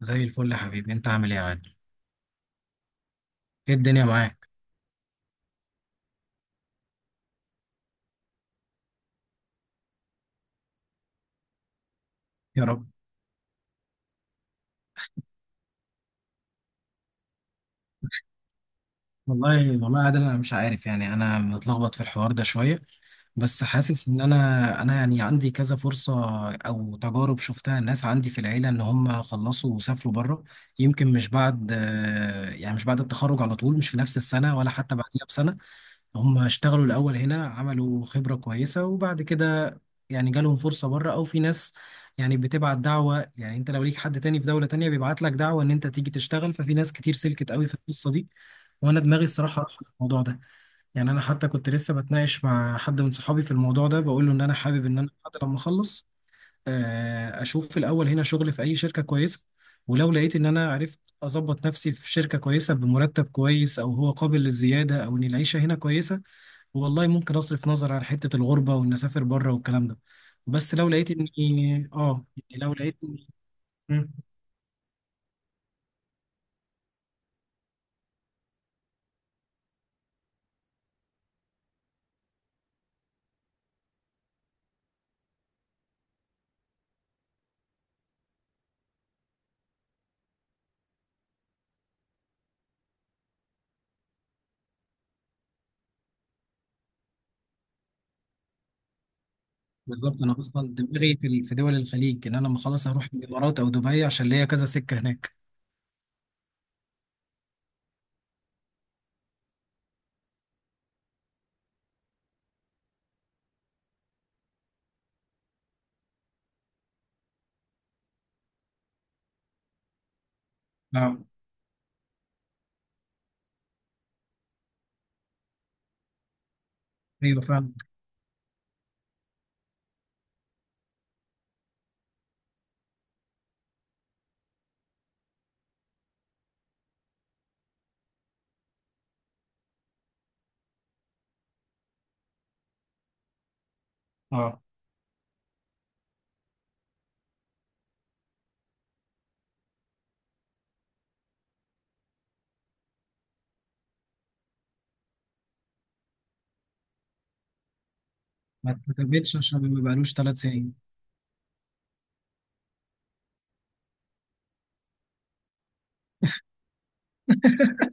زي الفل يا حبيبي، انت عامل ايه يا عادل؟ ايه الدنيا معاك؟ يا رب. والله يا عادل، انا مش عارف. يعني انا متلخبط في الحوار ده شويه، بس حاسس ان انا يعني عندي كذا فرصه او تجارب شفتها. الناس عندي في العيله ان هم خلصوا وسافروا بره، يمكن مش بعد يعني مش بعد التخرج على طول، مش في نفس السنه ولا حتى بعديها بسنه. هم اشتغلوا الأول هنا، عملوا خبرة كويسة، وبعد كده يعني جالهم فرصة بره، أو في ناس يعني بتبعت دعوة. يعني أنت لو ليك حد تاني في دولة تانية بيبعت لك دعوة إن أنت تيجي تشتغل، ففي ناس كتير سلكت قوي في القصة دي. وأنا دماغي الصراحة راح الموضوع ده. يعني أنا حتى كنت لسه بتناقش مع حد من صحابي في الموضوع ده، بقول له إن أنا حابب إن أنا حتى لما أخلص أشوف في الأول هنا شغل في أي شركة كويسة. ولو لقيت ان انا عرفت اظبط نفسي في شركة كويسة بمرتب كويس، او هو قابل للزيادة، او ان العيشة هنا كويسة، والله ممكن اصرف نظر عن حته الغربه وان اسافر بره والكلام ده. بس لو لقيت اني يعني لو لقيت اني. مم. بالظبط، انا اصلا دماغي في في دول الخليج، ان انا لما خلاص اروح الامارات او دبي عشان ليا كذا سكه هناك. اه. ايوه فعلا. اه. ما اتكتبتش عشان ما بقالوش 3 سنين.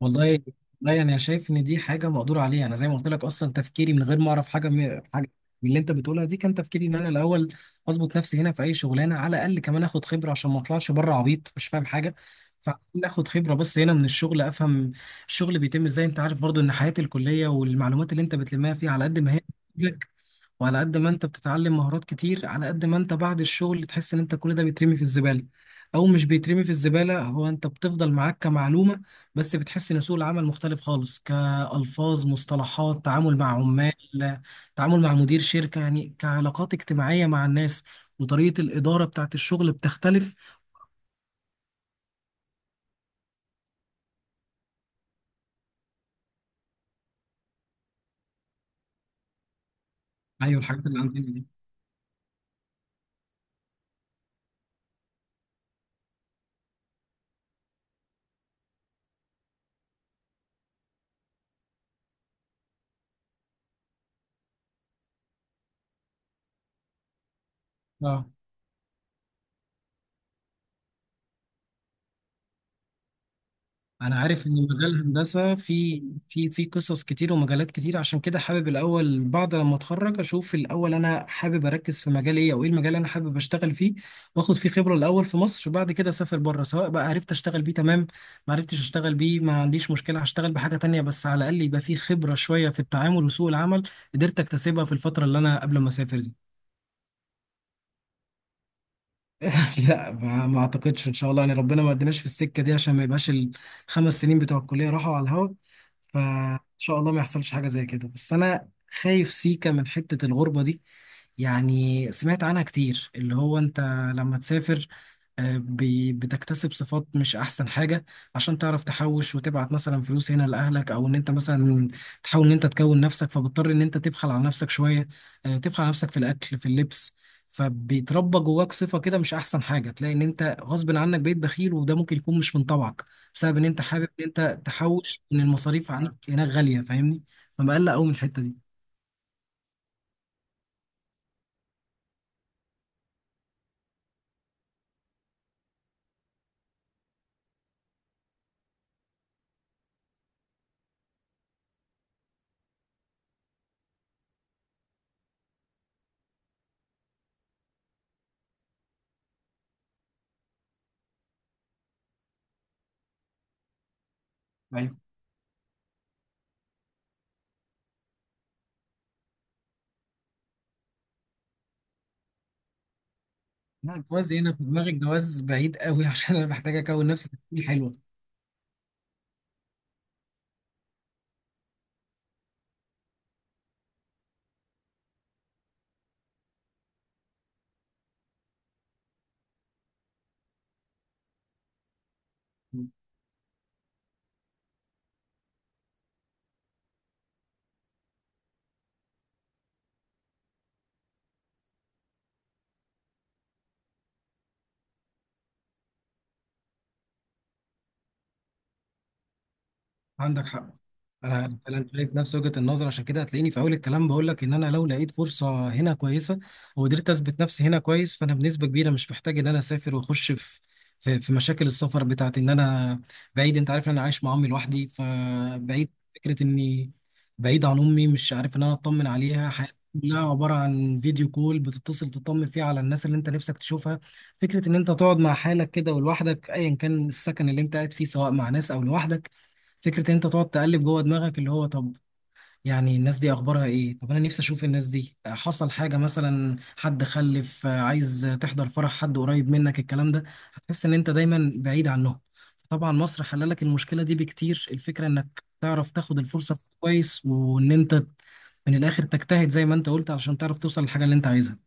والله. لا، يعني انا شايف ان دي حاجه مقدور عليها. انا زي ما قلت لك، اصلا تفكيري من غير ما اعرف حاجه من حاجه، من اللي انت بتقولها دي كان تفكيري ان انا الاول اظبط نفسي هنا في اي شغلانه على الاقل، كمان اخد خبره عشان ما اطلعش بره عبيط مش فاهم حاجه. فاخد خبره بس هنا من الشغل، افهم الشغل بيتم ازاي. انت عارف برضو ان حياه الكليه والمعلومات اللي انت بتلمها فيها، على قد ما هي بتفيدك وعلى قد ما انت بتتعلم مهارات كتير، على قد ما انت بعد الشغل تحس ان انت كل ده بيترمي في الزباله. او مش بيترمي في الزباله، هو انت بتفضل معاك كمعلومه، بس بتحس ان سوق العمل مختلف خالص، كألفاظ، مصطلحات، تعامل مع عمال، تعامل مع مدير شركة، يعني كعلاقات اجتماعية مع الناس، وطريقة الإدارة بتاعت الشغل بتختلف. ايوه، الحاجات اللي عندنا دي. اه. انا عارف ان مجال الهندسه في في قصص كتير ومجالات كتير، عشان كده حابب الاول بعد لما اتخرج اشوف الاول انا حابب اركز في مجال ايه، او ايه المجال اللي انا حابب اشتغل فيه واخد فيه خبره الاول في مصر. بعد كده اسافر بره، سواء بقى عرفت اشتغل بيه تمام، ما عرفتش اشتغل بيه ما عنديش مشكله، هشتغل بحاجه تانية. بس على الاقل يبقى فيه خبره شويه في التعامل وسوق العمل قدرت اكتسبها في الفتره اللي انا قبل ما اسافر دي. لا ما اعتقدش ان شاء الله. يعني ربنا ما ادناش في السكه دي عشان ما يبقاش ال5 سنين بتوع الكليه راحوا على الهوا. فان شاء الله ما يحصلش حاجه زي كده. بس انا خايف سيكا من حته الغربه دي. يعني سمعت عنها كتير، اللي هو انت لما تسافر بتكتسب صفات مش احسن حاجة، عشان تعرف تحوش وتبعت مثلا فلوس هنا لاهلك، او ان انت مثلا تحاول ان انت تكون نفسك، فبضطر ان انت تبخل على نفسك شوية. تبخل على نفسك في الاكل في اللبس، فبيتربى جواك صفة كده مش أحسن حاجة. تلاقي إن أنت غصب عنك بقيت بخيل، وده ممكن يكون مش من طبعك، بسبب إن أنت حابب إن أنت تحوش، إن المصاريف عنك هناك غالية. فاهمني؟ فمقلق أوي من الحتة دي. ايوه. لا، الجواز هنا في دماغي، الجواز بعيد قوي، عشان انا محتاج اكون نفسي تكوين حلوه. عندك حق. انا شايف نفس وجهة النظر، عشان كده هتلاقيني في اول الكلام بقول لك ان انا لو لقيت فرصة هنا كويسة وقدرت اثبت نفسي هنا كويس، فانا بنسبة كبيرة مش محتاج ان انا اسافر واخش في مشاكل السفر بتاعت ان انا بعيد. انت عارف ان انا عايش مع امي لوحدي، فبعيد فكرة اني بعيد عن امي، مش عارف ان انا اطمن عليها. حياتي كلها عبارة عن فيديو كول، بتتصل تطمن فيه على الناس اللي انت نفسك تشوفها. فكرة ان انت تقعد مع حالك كده ولوحدك، ايا كان السكن اللي انت قاعد فيه سواء مع ناس او لوحدك، فكرة إن أنت تقعد تقلب جوه دماغك اللي هو طب يعني الناس دي أخبارها إيه؟ طب أنا نفسي أشوف الناس دي، حصل حاجة مثلا، حد خلف، عايز تحضر فرح حد قريب منك، الكلام ده، هتحس إن أنت دايما بعيد عنهم. طبعا مصر حللك المشكلة دي بكتير. الفكرة إنك تعرف تاخد الفرصة كويس وإن أنت من الآخر تجتهد زي ما أنت قلت، علشان تعرف توصل للحاجة اللي أنت عايزها.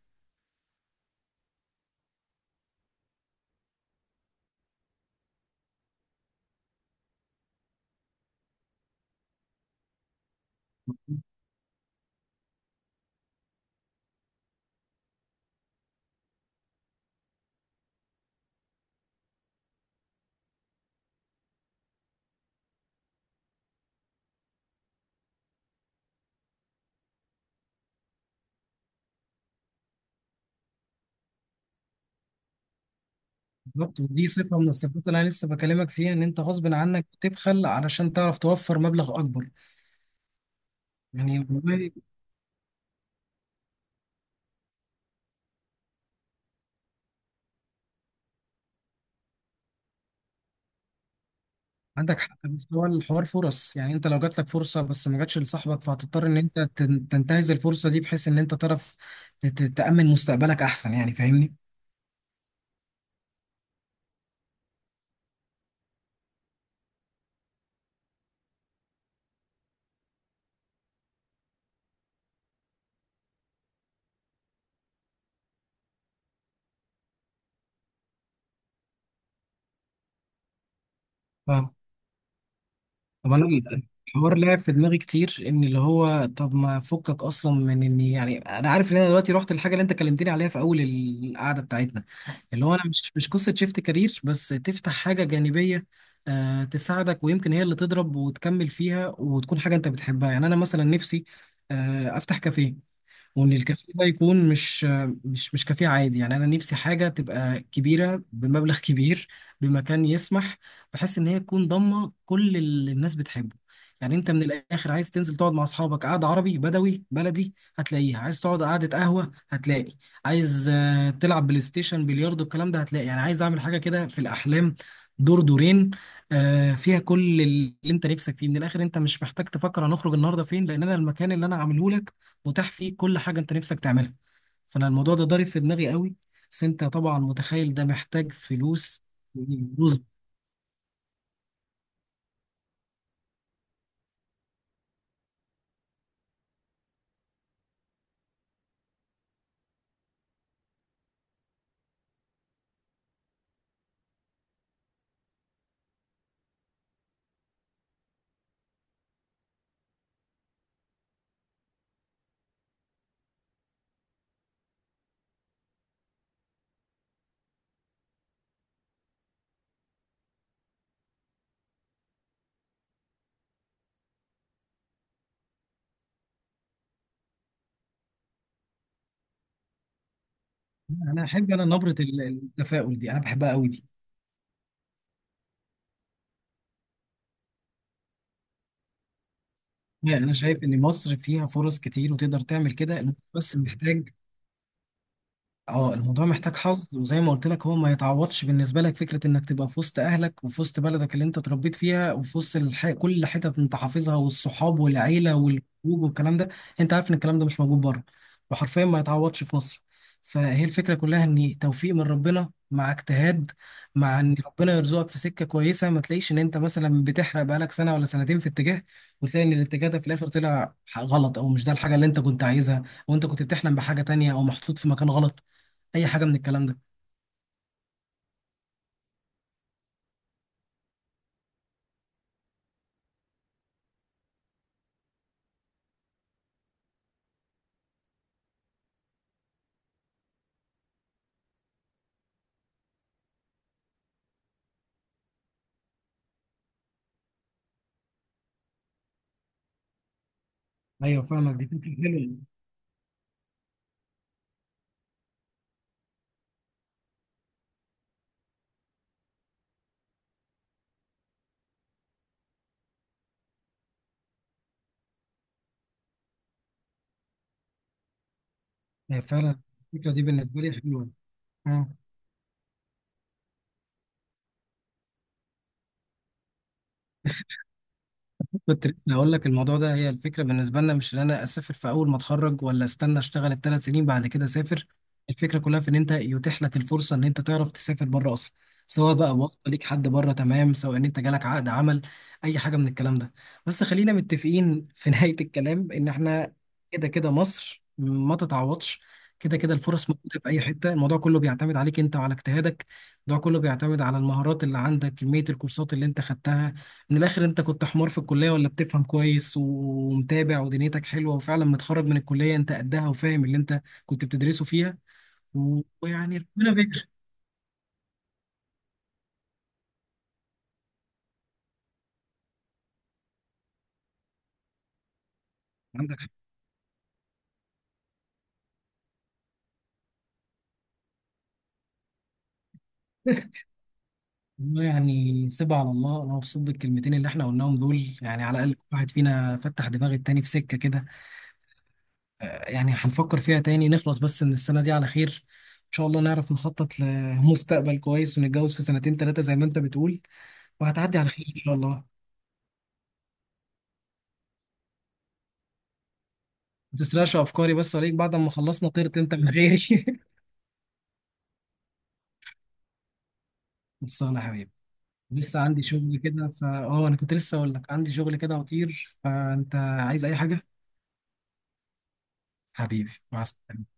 بالظبط. ودي صفة من الصفات اللي أنا لسه بكلمك فيها، إن أنت غصب عنك تبخل علشان تعرف توفر مبلغ أكبر. يعني والله. عندك حق. بس هو الحوار فرص. يعني انت لو جات لك فرصه بس ما جاتش لصاحبك، فهتضطر ان انت تنتهز الفرصه دي، بحيث ان انت تعرف تأمن مستقبلك احسن. يعني فاهمني؟ فاهم. طب انا، الحوار لعب في دماغي كتير، ان اللي هو طب ما فكك اصلا من اني، يعني انا عارف ان انا دلوقتي رحت الحاجه اللي انت كلمتني عليها في اول القعده بتاعتنا، اللي هو انا مش قصه شيفت كارير، بس تفتح حاجه جانبيه تساعدك، ويمكن هي اللي تضرب وتكمل فيها وتكون حاجه انت بتحبها. يعني انا مثلا نفسي افتح كافيه، وان الكافيه ده يكون مش كافيه عادي. يعني انا نفسي حاجه تبقى كبيره بمبلغ كبير، بمكان يسمح، بحيث ان هي تكون ضامه كل اللي الناس بتحبه. يعني انت من الاخر عايز تنزل تقعد مع اصحابك قعده عربي بدوي بلدي هتلاقيها، عايز تقعد قعده قهوه هتلاقي، عايز تلعب بلاي ستيشن، بلياردو، الكلام ده هتلاقي. يعني عايز اعمل حاجه كده في الاحلام، دور دورين فيها كل اللي انت نفسك فيه. من الاخر انت مش محتاج تفكر هنخرج النهارده فين، لان انا المكان اللي انا عامله لك متاح فيه كل حاجة انت نفسك تعملها. فانا الموضوع ده ضارب في دماغي قوي. بس انت طبعا متخيل ده محتاج فلوس. فلوس. انا نبرة التفاؤل دي انا بحبها قوي دي. يعني انا شايف ان مصر فيها فرص كتير وتقدر تعمل كده، إن انت بس محتاج. اه، الموضوع محتاج حظ. وزي ما قلت لك، هو ما يتعوضش بالنسبه لك فكره انك تبقى في وسط اهلك وفي وسط بلدك اللي انت اتربيت فيها وفي وسط كل حتت انت حافظها، والصحاب والعيله والخروج والكلام ده. انت عارف ان الكلام ده مش موجود بره، وحرفيا ما يتعوضش في مصر. فهي الفكره كلها ان توفيق من ربنا مع اجتهاد، مع ان ربنا يرزقك في سكه كويسه. ما تلاقيش ان انت مثلا بتحرق بقالك سنه ولا سنتين في اتجاه، وتلاقي ان الاتجاه ده في الاخر طلع غلط، او مش ده الحاجه اللي انت كنت عايزها وانت كنت بتحلم بحاجه تانية، او محطوط في مكان غلط، اي حاجه من الكلام ده. ايوه، فاهمك. دي فكره حلوه. هي فعلا الفكره دي بالنسبه لي حلوه. اه كنت لسه هقول لك الموضوع ده، هي الفكره بالنسبه لنا مش ان انا اسافر في اول ما اتخرج، ولا استنى اشتغل ال3 سنين بعد كده اسافر. الفكره كلها في ان انت يتيح لك الفرصه ان انت تعرف تسافر بره اصلا، سواء بقى وقت ليك حد بره تمام، سواء ان انت جالك عقد عمل، اي حاجه من الكلام ده. بس خلينا متفقين في نهايه الكلام ان احنا كده كده مصر ما تتعوضش، كده كده الفرص موجوده في اي حته. الموضوع كله بيعتمد عليك انت وعلى اجتهادك. الموضوع كله بيعتمد على المهارات اللي عندك، كميه الكورسات اللي انت خدتها. من الاخر انت كنت حمار في الكليه، ولا بتفهم كويس ومتابع ودنيتك حلوه وفعلا متخرج من الكليه انت قدها وفاهم اللي انت كنت بتدرسه فيها، ويعني ربنا بيكرم. عندك حق. والله يعني سيبها على الله. انا مبسوط بالكلمتين اللي احنا قلناهم دول، يعني على الاقل كل واحد فينا فتح دماغ التاني في سكه كده يعني هنفكر فيها تاني، نخلص بس من السنه دي على خير ان شاء الله، نعرف نخطط لمستقبل كويس ونتجوز في 2 3 زي ما انت بتقول، وهتعدي على خير ان شاء الله. ما تسرقش افكاري بس عليك، بعد ما خلصنا طرت انت من غيري. خلصانه يا حبيبي. لسه عندي شغل كده فا اه، انا كنت لسه اقول لك عندي شغل كده وطير، فانت عايز اي حاجه؟ حبيبي، مع السلامه.